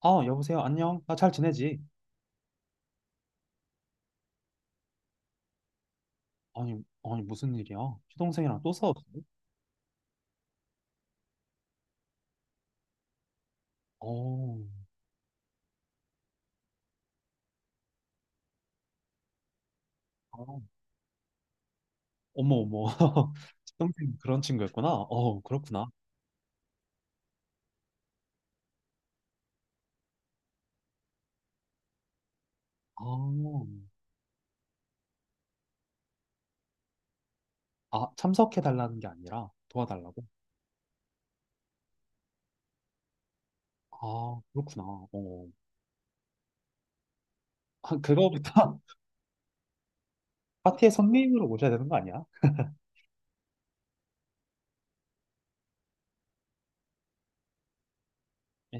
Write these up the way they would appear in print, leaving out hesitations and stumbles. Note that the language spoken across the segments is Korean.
아, 여보세요. 안녕. 나 잘 지내지? 아니, 아니, 무슨 일이야? 시동생이랑 또 싸웠어? 어, 아, 어머, 어머. 시동생 그런 친구였구나. 어, 그렇구나. 아, 아, 참석해달라는 게 아니라 도와달라고? 아, 그렇구나. 어, 아, 그거부터 파티에 손님으로 모셔야 되는 거 아니야?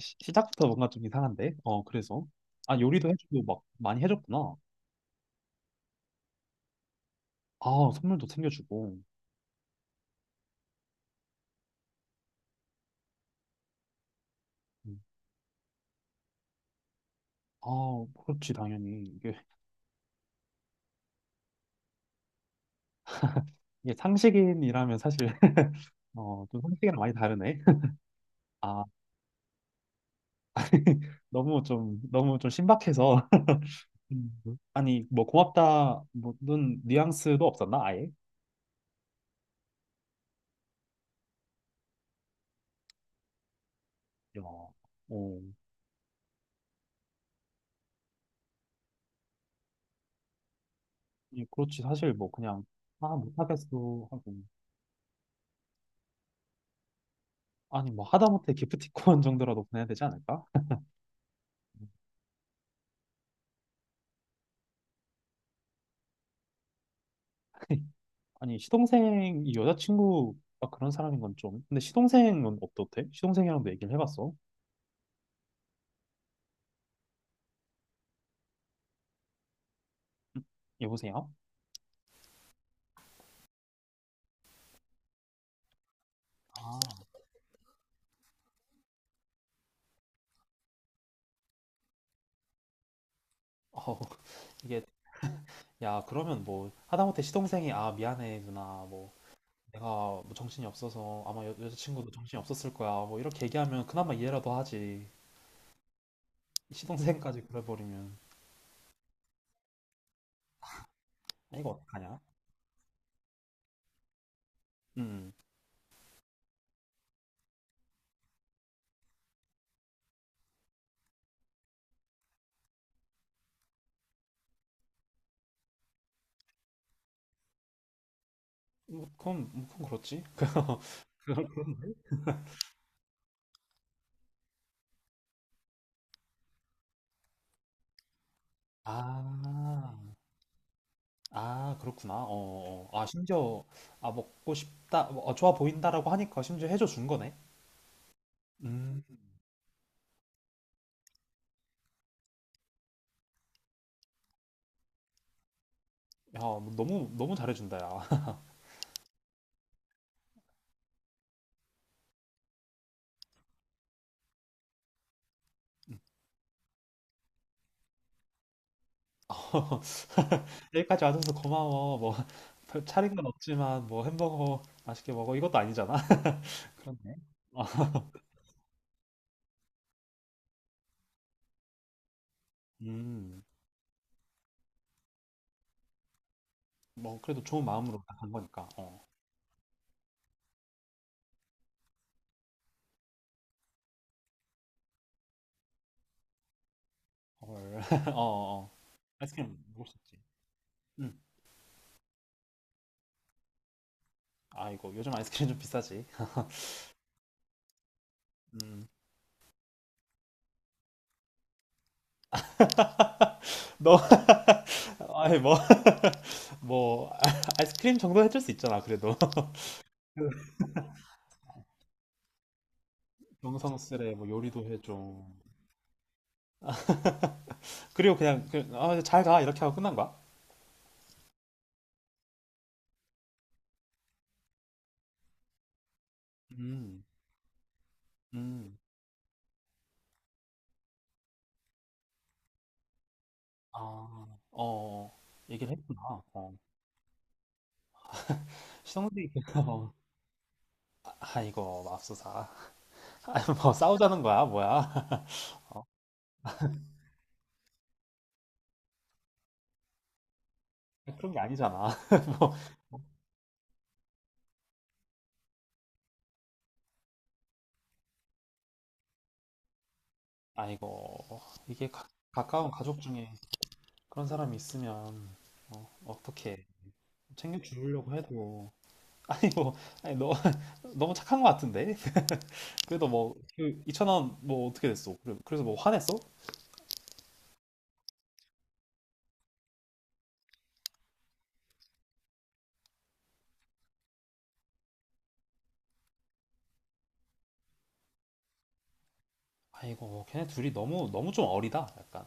시작부터 뭔가 좀 이상한데? 어, 그래서. 아, 요리도 해주고 막 많이 해줬구나. 아, 선물도 챙겨주고. 음. 아, 그렇지, 당연히. 이게, 이게 상식인이라면 사실. 어, 좀 상식이랑 많이 다르네. 아, 너무 좀, 너무 좀 신박해서. 음. 아니, 뭐, 고맙다, 뭐는 뉘앙스도 없었나, 아예? 야, 어, 예, 그렇지. 사실 뭐, 그냥, 아, 못하겠어 하고. 아니, 뭐, 하다못해 기프티콘 정도라도 보내야 되지 않을까? 아니, 시동생이 여자친구가 그런 사람인 건 좀. 근데 시동생은 어떻대? 시동생이랑도 얘기를 해봤어? 여보세요? 아, 어, 이게, 야, 그러면 뭐, 하다못해 시동생이, 아, 미안해, 누나, 뭐, 내가 뭐 정신이 없어서 아마 여자친구도 정신이 없었을 거야. 뭐 이렇게 얘기하면 그나마 이해라도 하지. 시동생까지 그래버리면 아, 이거 어떡하냐? 음, 뭐 그건 뭐 그건 그렇지. 그건 그렇네. 아, 아 그렇구나. 어, 어. 아 심지어 아 먹고 싶다, 뭐, 어, 좋아 보인다라고 하니까 심지어 해줘 준 거네. 음, 야, 뭐 너무 너무 잘해준다, 야. 여기까지 와줘서 고마워. 뭐 별 차린 건 없지만 뭐 햄버거 맛있게 먹어 이것도 아니잖아. 그렇네. 아, 음. 뭐 그래도 좋은 마음으로 딱 간 거니까. 어. 헐. 어, 어. 아이스크림 먹을 수 있지. 응. 아, 이거 요즘 아이스크림 좀 비싸지. 음. 너 아니 뭐 뭐 아이스크림 정도 해줄 수 있잖아, 그래도. 정성스레 뭐 요리도 해줘. 그리고 그냥 그, 아, 잘 가. 이렇게 하고 끝난 거야? 음. 음. 아. 어. 어. 얘기를 했구나. 어. 시성생이 어. 아, 이거 맙소사. 아, 뭐 싸우자는 거야, 뭐야? 어, 그런 게 아니잖아. 뭐 아이고, 이게 가, 가까운 가족 중에 그런 사람이 있으면 어, 어떻게 챙겨주려고 해도 아니 뭐 아니 너 너무 착한 것 같은데 그래도 뭐그 2천 원 뭐 어떻게 됐어? 그래- 그래서 뭐 화냈어? 아이고, 걔네 둘이 너무 너무 좀 어리다. 약간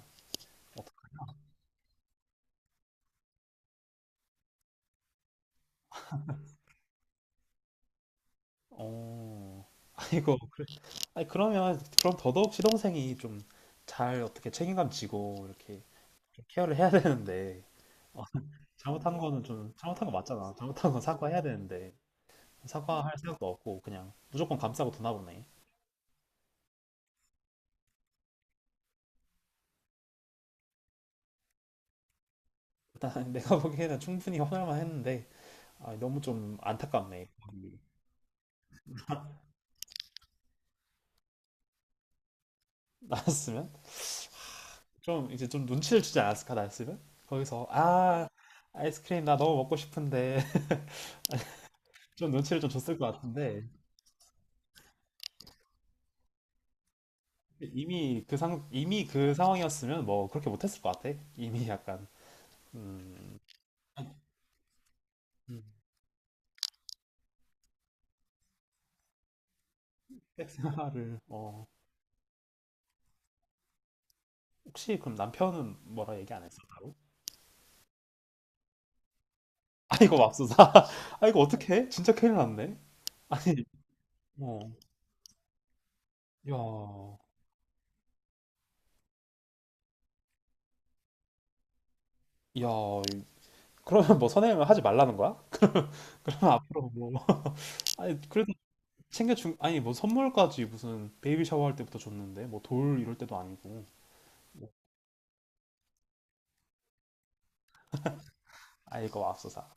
어떡- 어, 아이고, 아니 그러면 그럼 더더욱 시동생이 좀 잘 어떻게 책임감 지고 이렇게 좀 케어를 해야 되는데 어, 잘못한 거는 좀 잘못한 거 맞잖아. 잘못한 건 사과해야 되는데. 사과할 생각도 없고 그냥 무조건 감싸고 두나 보네. 일단 내가 보기에는 충분히 화날만 했는데 아, 너무 좀 안타깝네. 거기 나왔으면 좀 이제 좀 눈치를 주지 않았을까 나왔으면 거기서 아 아이스크림 나 너무 먹고 싶은데 좀 눈치를 좀 줬을 것 같은데 이미 그 상, 이미 그 상황이었으면 뭐 그렇게 못했을 것 같아. 이미 약간 음, 음, 섹 생활을 어 혹시 그럼 남편은 뭐라 얘기 안 했어 따로? 아 이거 맙소사. 아 이거 어떡해? 진짜 큰일 났네. 어. 야, 야, 그러면 뭐 선행을 하지 말라는 거야? 앞으로 뭐. 아니, 그래도 챙겨준, 아니, 뭐 선물까지 무슨 베이비 샤워할 때부터 줬는데, 뭐 돌 이럴 때도 아니고, 아이고, 맙소사.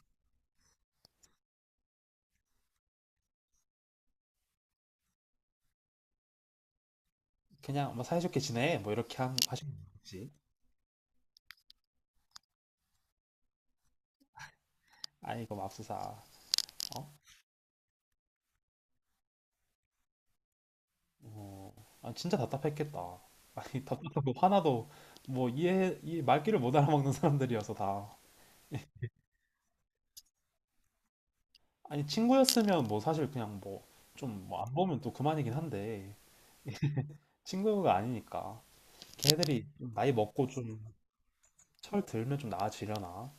그냥 뭐 사이좋게 지내, 뭐 이렇게 한, 하신 거지. 아이고, 맙소사. 어? 어, 아, 진짜 답답했겠다. 아니, 답답하고 화나도 뭐 이해, 이 말귀를 못 알아먹는 사람들이어서 다. 아니, 친구였으면 뭐 사실 그냥 뭐, 좀 뭐 안 보면 또 그만이긴 한데, 친구가 아니니까. 걔들이 좀 나이 먹고 좀 철 들면 좀 나아지려나?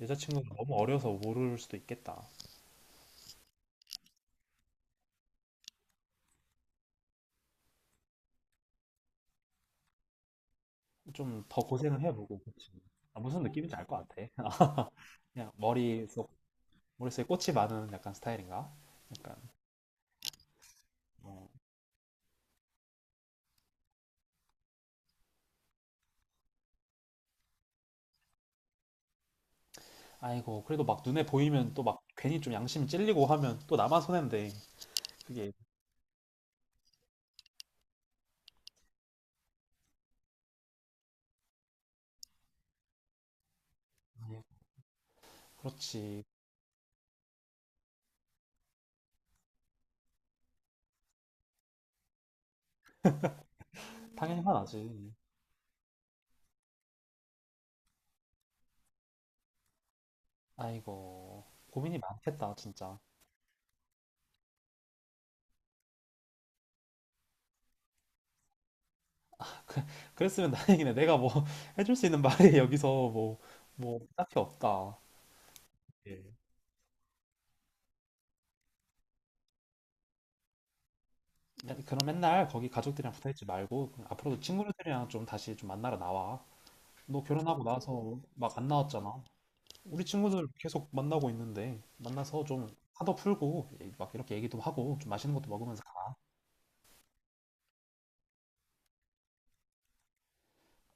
여자친구가 너무 어려서 모를 수도 있겠다. 좀 더 고생을 해보고, 그치? 아, 무슨 느낌인지 알 것 같아. 그냥 머릿속, 머릿속에 꽃이 많은 약간 스타일인가? 약간, 어. 아이고, 그래도 막 눈에 보이면 또 막 괜히 좀 양심이 찔리고 하면 또 나만 손해인데, 그게, 그렇지. 당연히 화나지. 아이고, 고민이 많겠다, 진짜. 그, 그랬으면 다행이네. 내가 뭐 해줄 수 있는 말이 여기서 뭐, 뭐 딱히 없다. 예. 야, 그럼 맨날 거기 가족들이랑 붙어있지 말고 앞으로도 친구들이랑 좀 다시 좀 만나러 나와. 너 결혼하고 나서 막 안 나왔잖아. 우리 친구들 계속 만나고 있는데 만나서 좀 화도 풀고 막 이렇게 얘기도 하고 좀 맛있는 것도 먹으면서 가.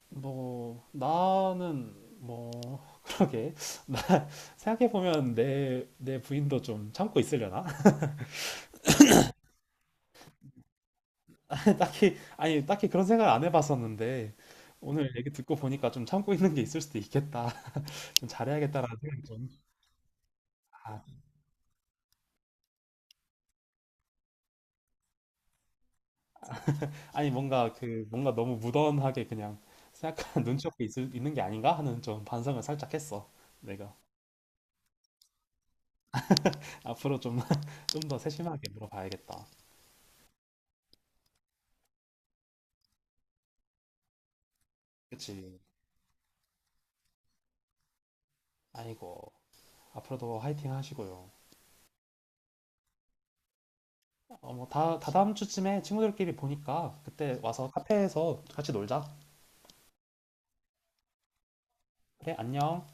뭐 나는 뭐 그러게 나 생각해보면 내 부인도 좀 참고 있으려나? 딱히 아니 딱히 그런 생각 안 해봤었는데 오늘 얘기 듣고 보니까 좀 참고 있는 게 있을 수도 있겠다. 좀 잘해야겠다라는 생각이 좀. 아, 아니 뭔가 그 뭔가 너무 무던하게 그냥 생각하는 눈치 없게 있을, 있는 게 아닌가 하는 좀 반성을 살짝 했어. 내가 앞으로 좀 좀 더 세심하게 물어봐야겠다. 그치? 아이고 앞으로도 화이팅 하시고요. 어뭐다 다다음 주쯤에 친구들끼리 보니까 그때 와서 카페에서 같이 놀자. 그래 안녕.